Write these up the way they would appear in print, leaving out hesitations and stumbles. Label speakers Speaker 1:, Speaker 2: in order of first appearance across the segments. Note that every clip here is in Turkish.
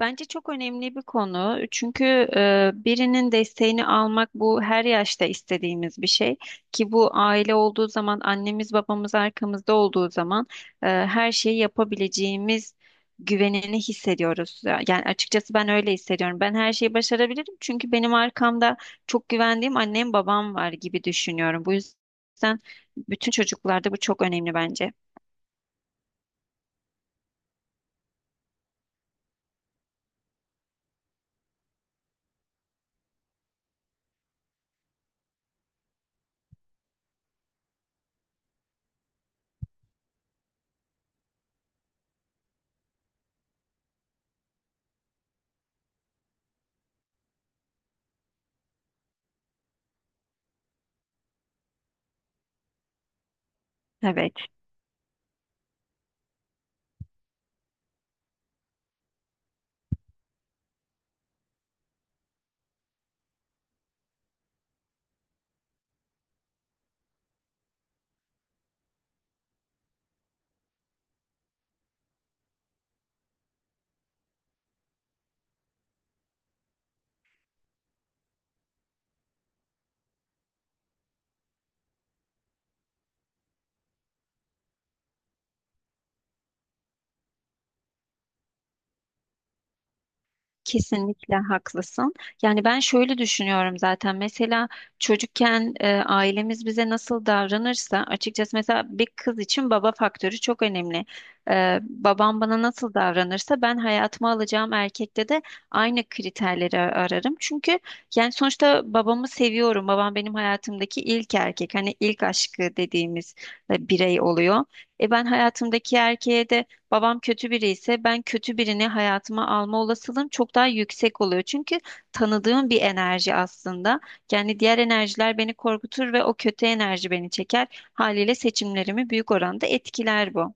Speaker 1: Bence çok önemli bir konu. Çünkü birinin desteğini almak bu her yaşta istediğimiz bir şey. Ki bu aile olduğu zaman, annemiz babamız arkamızda olduğu zaman her şeyi yapabileceğimiz güvenini hissediyoruz. Yani açıkçası ben öyle hissediyorum. Ben her şeyi başarabilirim çünkü benim arkamda çok güvendiğim annem babam var gibi düşünüyorum. Bu yüzden bütün çocuklarda bu çok önemli bence. Evet. Kesinlikle haklısın. Yani ben şöyle düşünüyorum zaten. Mesela çocukken ailemiz bize nasıl davranırsa açıkçası mesela bir kız için baba faktörü çok önemli. Babam bana nasıl davranırsa ben hayatıma alacağım erkekte de aynı kriterleri ararım. Çünkü yani sonuçta babamı seviyorum. Babam benim hayatımdaki ilk erkek. Hani ilk aşkı dediğimiz birey oluyor. Ben hayatımdaki erkeğe de babam kötü biri ise ben kötü birini hayatıma alma olasılığım çok daha yüksek oluyor. Çünkü tanıdığım bir enerji aslında. Yani diğer enerjiler beni korkutur ve o kötü enerji beni çeker. Haliyle seçimlerimi büyük oranda etkiler bu.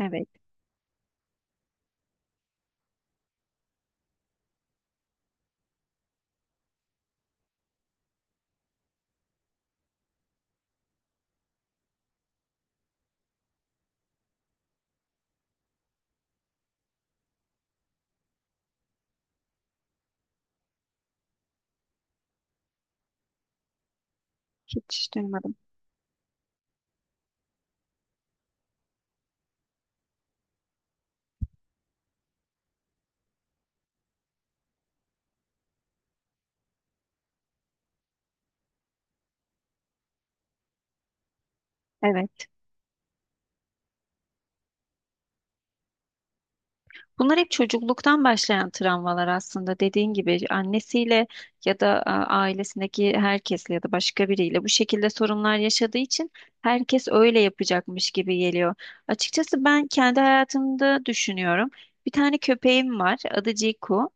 Speaker 1: Evet, hiç duymadım. Evet. Bunlar hep çocukluktan başlayan travmalar aslında. Dediğin gibi annesiyle ya da ailesindeki herkesle ya da başka biriyle bu şekilde sorunlar yaşadığı için herkes öyle yapacakmış gibi geliyor. Açıkçası ben kendi hayatımda düşünüyorum. Bir tane köpeğim var. Adı Ciku.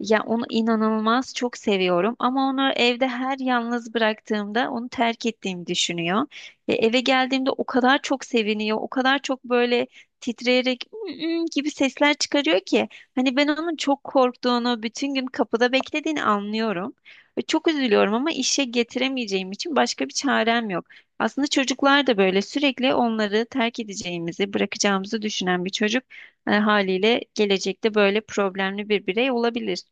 Speaker 1: Ya onu inanılmaz çok seviyorum ama onu evde her yalnız bıraktığımda onu terk ettiğimi düşünüyor. Eve geldiğimde o kadar çok seviniyor, o kadar çok böyle titreyerek "Mm, mm" gibi sesler çıkarıyor ki hani ben onun çok korktuğunu, bütün gün kapıda beklediğini anlıyorum. Ve çok üzülüyorum ama işe getiremeyeceğim için başka bir çarem yok. Aslında çocuklar da böyle sürekli onları terk edeceğimizi, bırakacağımızı düşünen bir çocuk haliyle gelecekte böyle problemli bir birey olabilir.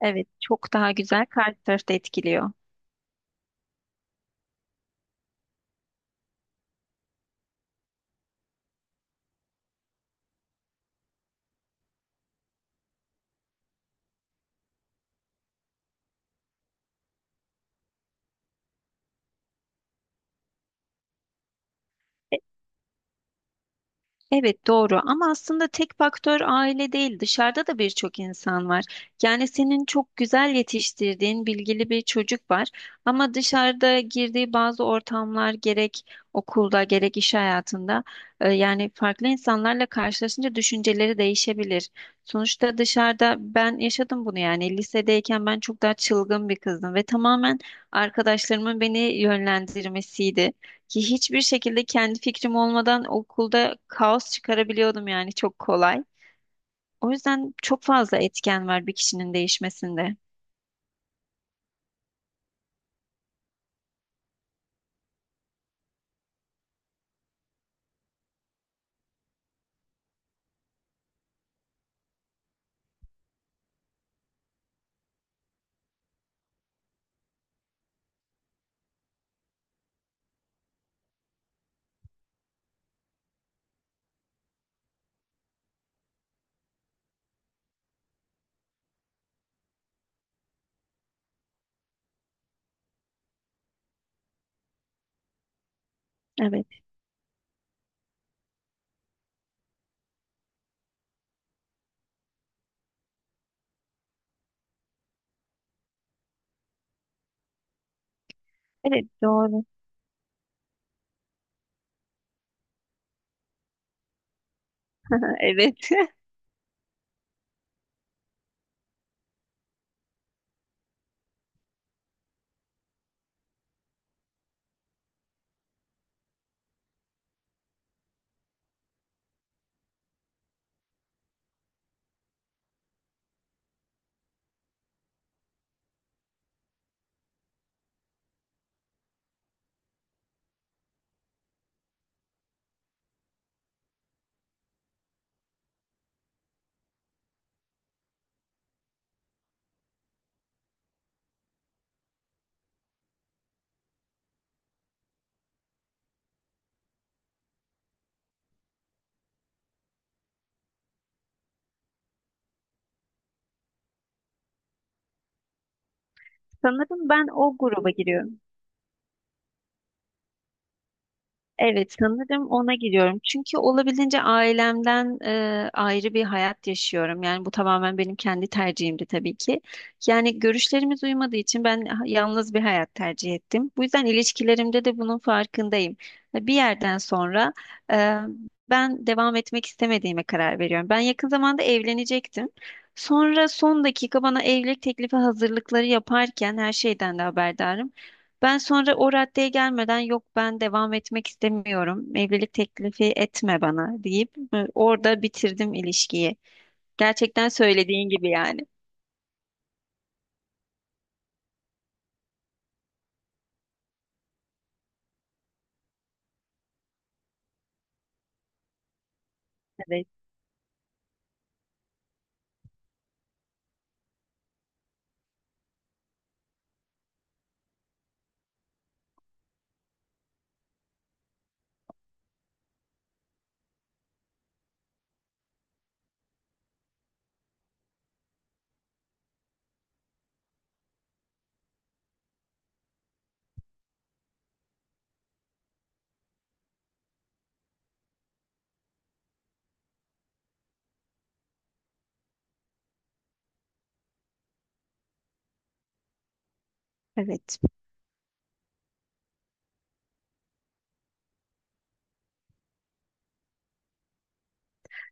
Speaker 1: Evet, çok daha güzel karşı tarafta etkiliyor. Evet doğru, ama aslında tek faktör aile değil, dışarıda da birçok insan var. Yani senin çok güzel yetiştirdiğin bilgili bir çocuk var ama dışarıda girdiği bazı ortamlar, gerek okulda gerek iş hayatında, yani farklı insanlarla karşılaşınca düşünceleri değişebilir. Sonuçta dışarıda ben yaşadım bunu, yani lisedeyken ben çok daha çılgın bir kızdım ve tamamen arkadaşlarımın beni yönlendirmesiydi. Ki hiçbir şekilde kendi fikrim olmadan okulda kaos çıkarabiliyordum, yani çok kolay. O yüzden çok fazla etken var bir kişinin değişmesinde. Evet. Evet doğru. Evet. Sanırım ben o gruba giriyorum. Evet, sanırım ona gidiyorum. Çünkü olabildiğince ailemden ayrı bir hayat yaşıyorum. Yani bu tamamen benim kendi tercihimdi tabii ki. Yani görüşlerimiz uymadığı için ben yalnız bir hayat tercih ettim. Bu yüzden ilişkilerimde de bunun farkındayım. Ve bir yerden sonra e, ben devam etmek istemediğime karar veriyorum. Ben yakın zamanda evlenecektim. Sonra son dakika, bana evlilik teklifi hazırlıkları yaparken her şeyden de haberdarım. Ben sonra o raddeye gelmeden, yok ben devam etmek istemiyorum, evlilik teklifi etme bana deyip orada bitirdim ilişkiyi. Gerçekten söylediğin gibi yani. Evet. Evet.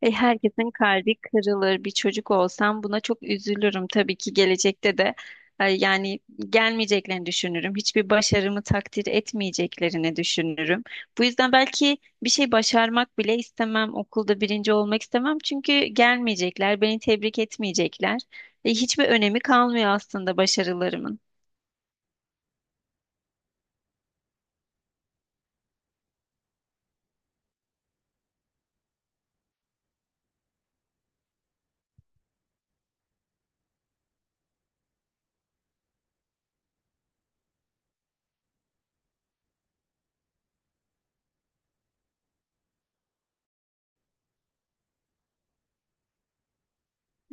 Speaker 1: Ve herkesin kalbi kırılır. Bir çocuk olsam buna çok üzülürüm. Tabii ki gelecekte de yani gelmeyeceklerini düşünürüm. Hiçbir başarımı takdir etmeyeceklerini düşünürüm. Bu yüzden belki bir şey başarmak bile istemem. Okulda birinci olmak istemem. Çünkü gelmeyecekler, beni tebrik etmeyecekler. Hiçbir önemi kalmıyor aslında başarılarımın.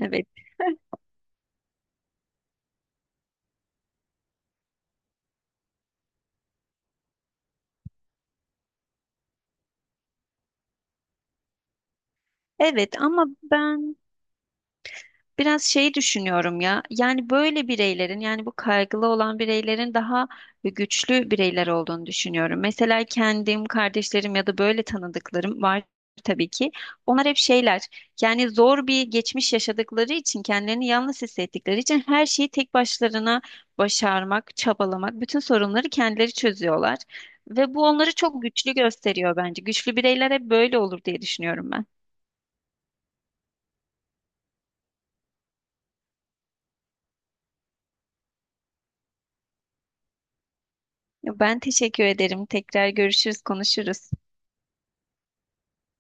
Speaker 1: Evet. Evet ama ben biraz şeyi düşünüyorum ya. Yani böyle bireylerin, yani bu kaygılı olan bireylerin daha güçlü bireyler olduğunu düşünüyorum. Mesela kendim, kardeşlerim ya da böyle tanıdıklarım var tabii ki. Onlar hep şeyler. Yani zor bir geçmiş yaşadıkları için, kendilerini yalnız hissettikleri için her şeyi tek başlarına başarmak, çabalamak, bütün sorunları kendileri çözüyorlar. Ve bu onları çok güçlü gösteriyor bence. Güçlü bireyler hep böyle olur diye düşünüyorum ben. Ben teşekkür ederim. Tekrar görüşürüz, konuşuruz.